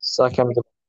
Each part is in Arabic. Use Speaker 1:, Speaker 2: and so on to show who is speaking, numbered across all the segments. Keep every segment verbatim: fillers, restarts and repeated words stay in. Speaker 1: الساعة كام دلوقتي؟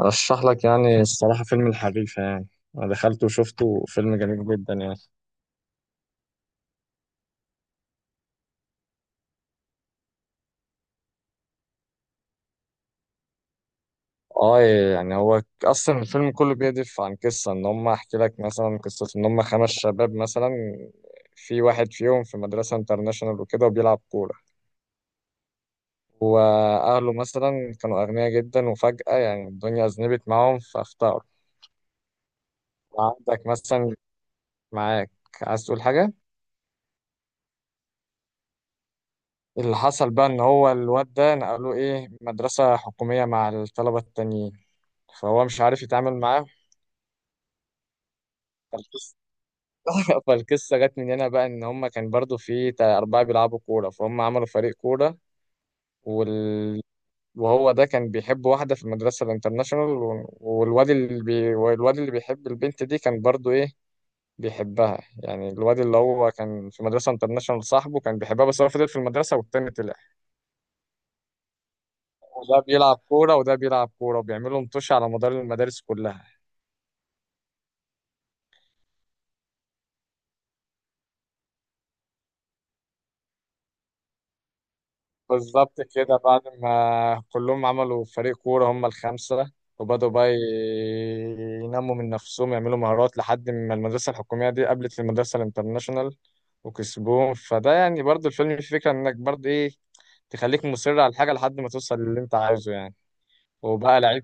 Speaker 1: أرشح لك يعني الصراحة فيلم الحريفة يعني. أنا دخلته وشفته فيلم جميل جدا يعني. آه، يعني هو أصلا الفيلم كله بيهدف عن قصة إن هم، أحكي لك مثلا قصة إن هم خمس شباب مثلا. في واحد فيهم في مدرسة انترناشونال وكده وبيلعب كورة. وأهله مثلا كانوا أغنياء جدا وفجأة يعني الدنيا أذنبت معاهم فافتقروا. عندك مثلا، معاك. عايز تقول حاجة؟ اللي حصل بقى ان هو الواد ده نقلوه ايه مدرسة حكومية مع الطلبة التانيين، فهو مش عارف يتعامل معاه. فالقصة فالقصة جت من هنا بقى ان هما كان برضو في تا- أربعة بيلعبوا كورة فهم عملوا فريق كورة. وال... وهو ده كان بيحب واحدة في المدرسة الانترناشونال و- والواد اللي بي... والواد اللي بيحب البنت دي كان برضو ايه بيحبها يعني. الواد اللي هو كان في مدرسة انترناشونال صاحبه كان بيحبها بس هو فضل في المدرسة والتاني طلع. ده بيلعب كورة وده بيلعب كورة وبيعملوا مطوش على مدار المدارس كلها. بالظبط كده، بعد ما كلهم عملوا فريق كورة هم الخمسة، وبدأوا بقى ي- ينموا من نفسهم يعملوا مهارات لحد ما المدرسة الحكومية دي قابلت المدرسة الانترناشونال وكسبوهم. فده يعني برضه الفيلم فيه فكرة انك برضه ايه، تخليك مصر على الحاجة لحد ما توصل للي انت عايزه يعني. وبقى لعيب.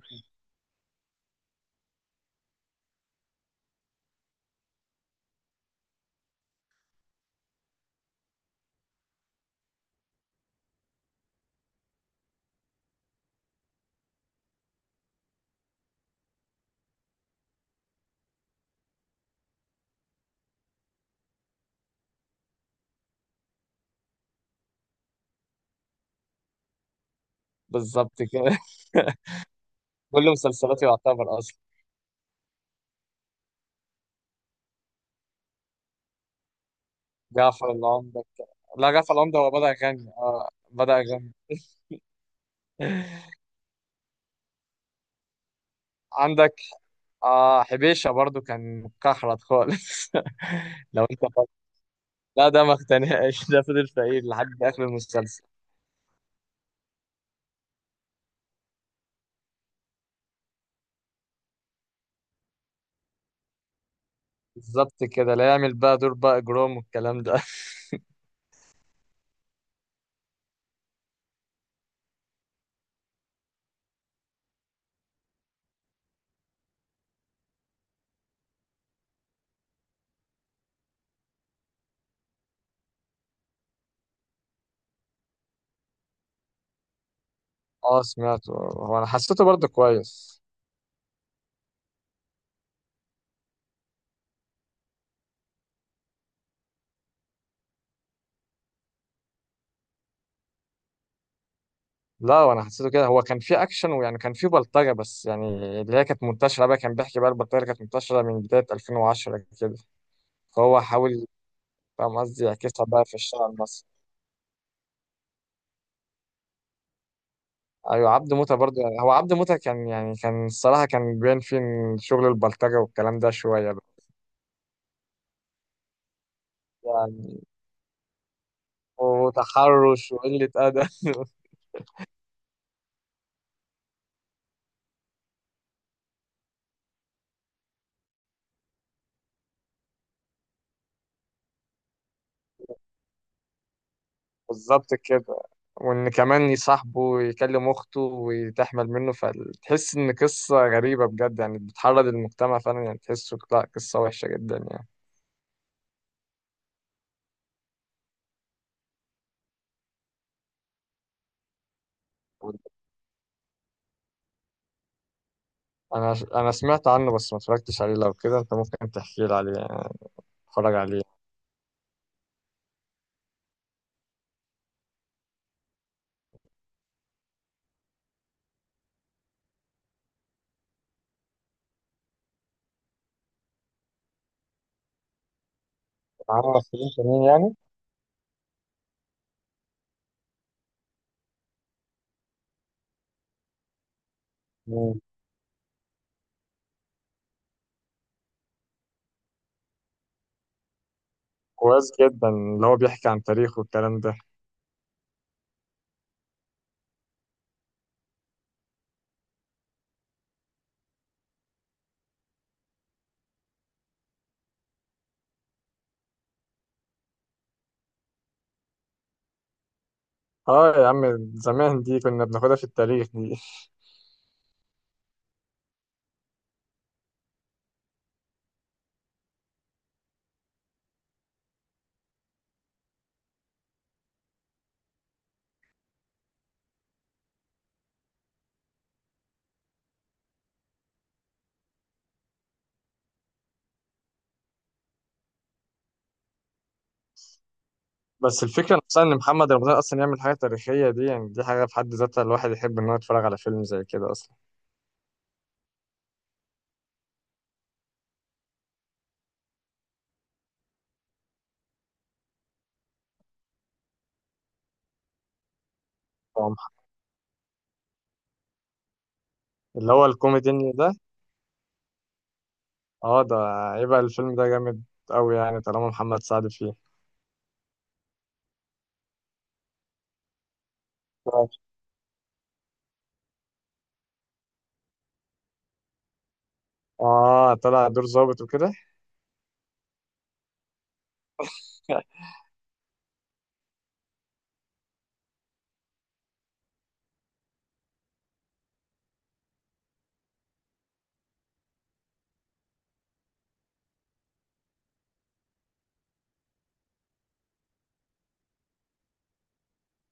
Speaker 1: بالظبط كده. كل مسلسلاتي يعتبر اصلا. جعفر العمدة. لا جعفر العمدة هو بدأ يغني اه بدأ يغني عندك. آه حبيشة برضو كان مكحرت خالص لو انت فاكر. لا ده ما اقتنعش ده فضل فقير لحد اخر المسلسل. بالظبط كده، لا يعمل بقى دور بقى جروم والكلام ده. اه، سمعته، هو انا حسيته برضو كويس. لا وانا حسيته كده، هو كان فيه اكشن ويعني كان فيه بلطجة بس يعني اللي هي كانت منتشرة بقى، كان بيحكي بقى البلطجة اللي كانت منتشرة من بداية ألفين وعشرة كده، فهو حاول فاهم قصدي يعكسها بقى في الشارع المصري. ايوه عبد موتة برضه. هو عبد موتة كان يعني كان الصراحة كان بين فين، شغل البلطجة والكلام ده شوية بقى. يعني وتحرش وقلة أدب. بالظبط كده. وإن كمان يصاحبه ويكلم أخته وتحمل منه فتحس إن قصة غريبة بجد يعني بتحرض المجتمع فعلا، يعني تحسه لا قصة وحشة جدا يعني. أنا أنا سمعت عنه بس ما اتفرجتش عليه، لو كده أنت ممكن تحكي لي عليه يعني، اتفرج عليه. عامل ممثلين تانيين يعني؟ مم. كويس جدا، اللي هو بيحكي عن تاريخه والكلام ده. اه يا عم زمان دي كنا بناخدها في التاريخ دي. بس الفكرة نفسها ان محمد رمضان اصلا يعمل حاجة تاريخية دي، يعني دي حاجة في حد ذاتها الواحد يحب ان هو يتفرج على فيلم زي كده اصلا. هو مح- اللي هو الكوميدي ده. اه ده. يبقى الفيلم ده جامد قوي يعني طالما محمد سعد فيه. اه طلع دور ظابط وكده.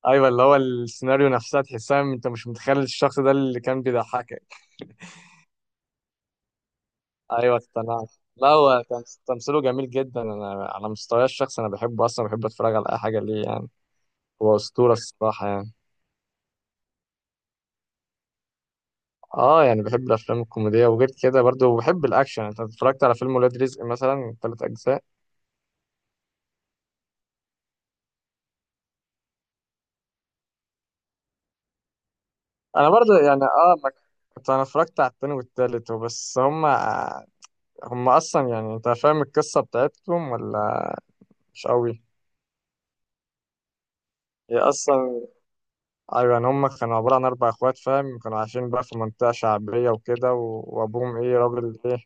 Speaker 1: ايوه، اللي هو السيناريو نفسها تحسها م- انت مش متخيل الشخص ده اللي كان بيضحكك. ايوه اقتنعت. لا هو كان تمثيله جميل جدا، انا على مستواي الشخصي انا بحبه اصلا، بحب اتفرج على اي حاجة ليه يعني. هو أسطورة الصراحة يعني. اه يعني بحب الافلام الكوميديه وغير كده برضو بحب الاكشن. انت اتفرجت على فيلم ولاد رزق مثلا ثلاث اجزاء؟ انا برضو يعني اه، ما كنت انا اتفرجت على التاني والتالت وبس. هم، هم اصلا يعني انت فاهم القصه بتاعتهم ولا مش قوي؟ هي اصلا ايوه يعني هم كانوا عباره عن اربع اخوات، فاهم، كانوا عايشين بقى في منطقه شعبيه وكده و- وابوهم ايه راجل ايه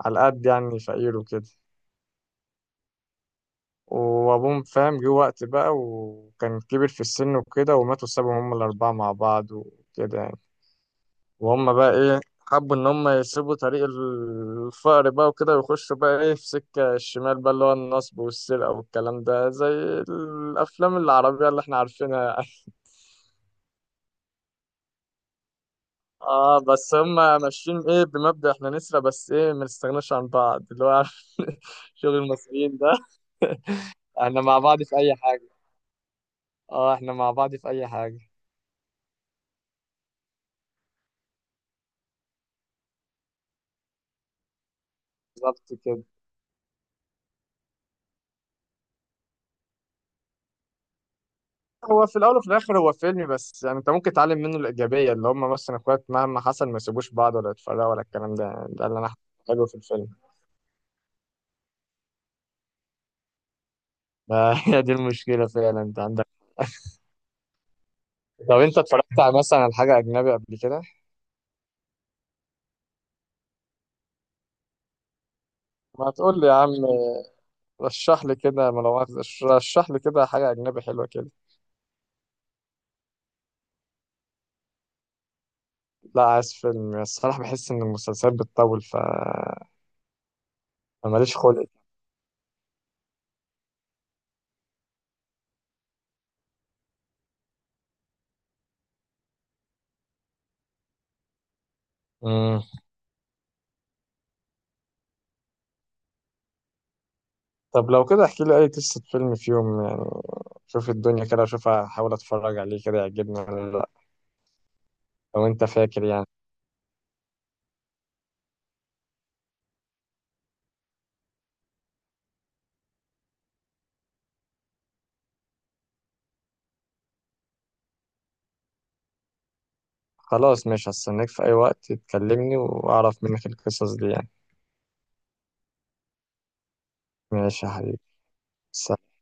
Speaker 1: على قد يعني فقير وكده. وابوهم فاهم جه وقت بقى وكان كبر في السن وكده وماتوا سابهم هم الاربعه مع بعض وكده يعني. وهم بقى ايه حبوا ان هم يسيبوا طريق الفقر بقى وكده ويخشوا بقى ايه في سكه الشمال بقى اللي هو النصب والسرقه والكلام ده زي الافلام العربيه اللي احنا عارفينها يعني. اه بس هم ماشيين ايه بمبدأ احنا نسرق بس ايه ما نستغناش عن بعض، اللي هو عارف شغل المصريين ده. احنا مع بعض في اي حاجه. اه احنا مع بعض في اي حاجه. بالظبط كده. هو في الاول وفي الاخر هو فيلم بس، يعني انت ممكن تتعلم منه الايجابيه اللي هم مثلا اخوات مهما حصل ما يسيبوش بعض ولا يتفرقوا ولا الكلام ده ده اللي انا حلو في الفيلم ده. هي دي المشكله فعلا انت عندك. لو انت اتفرجت على مثلا على حاجه اجنبي قبل كده ما تقول لي يا عم رشح لي كده، ما لو رشح لي كده حاجه اجنبي حلوه كده. لا عايز فيلم الصراحه، بحس ان المسلسلات بتطول ف ماليش خلق. مم. طب لو كده احكي لي اي قصه فيلم في يوم يعني، شوف الدنيا كده اشوف احاول اتفرج عليه كده يعجبني ولا لا. لو انت فاكر يعني. خلاص ماشي، هستناك في اي وقت تكلمني واعرف منك القصص دي يعني. ماشي يا حبيبي. سلام.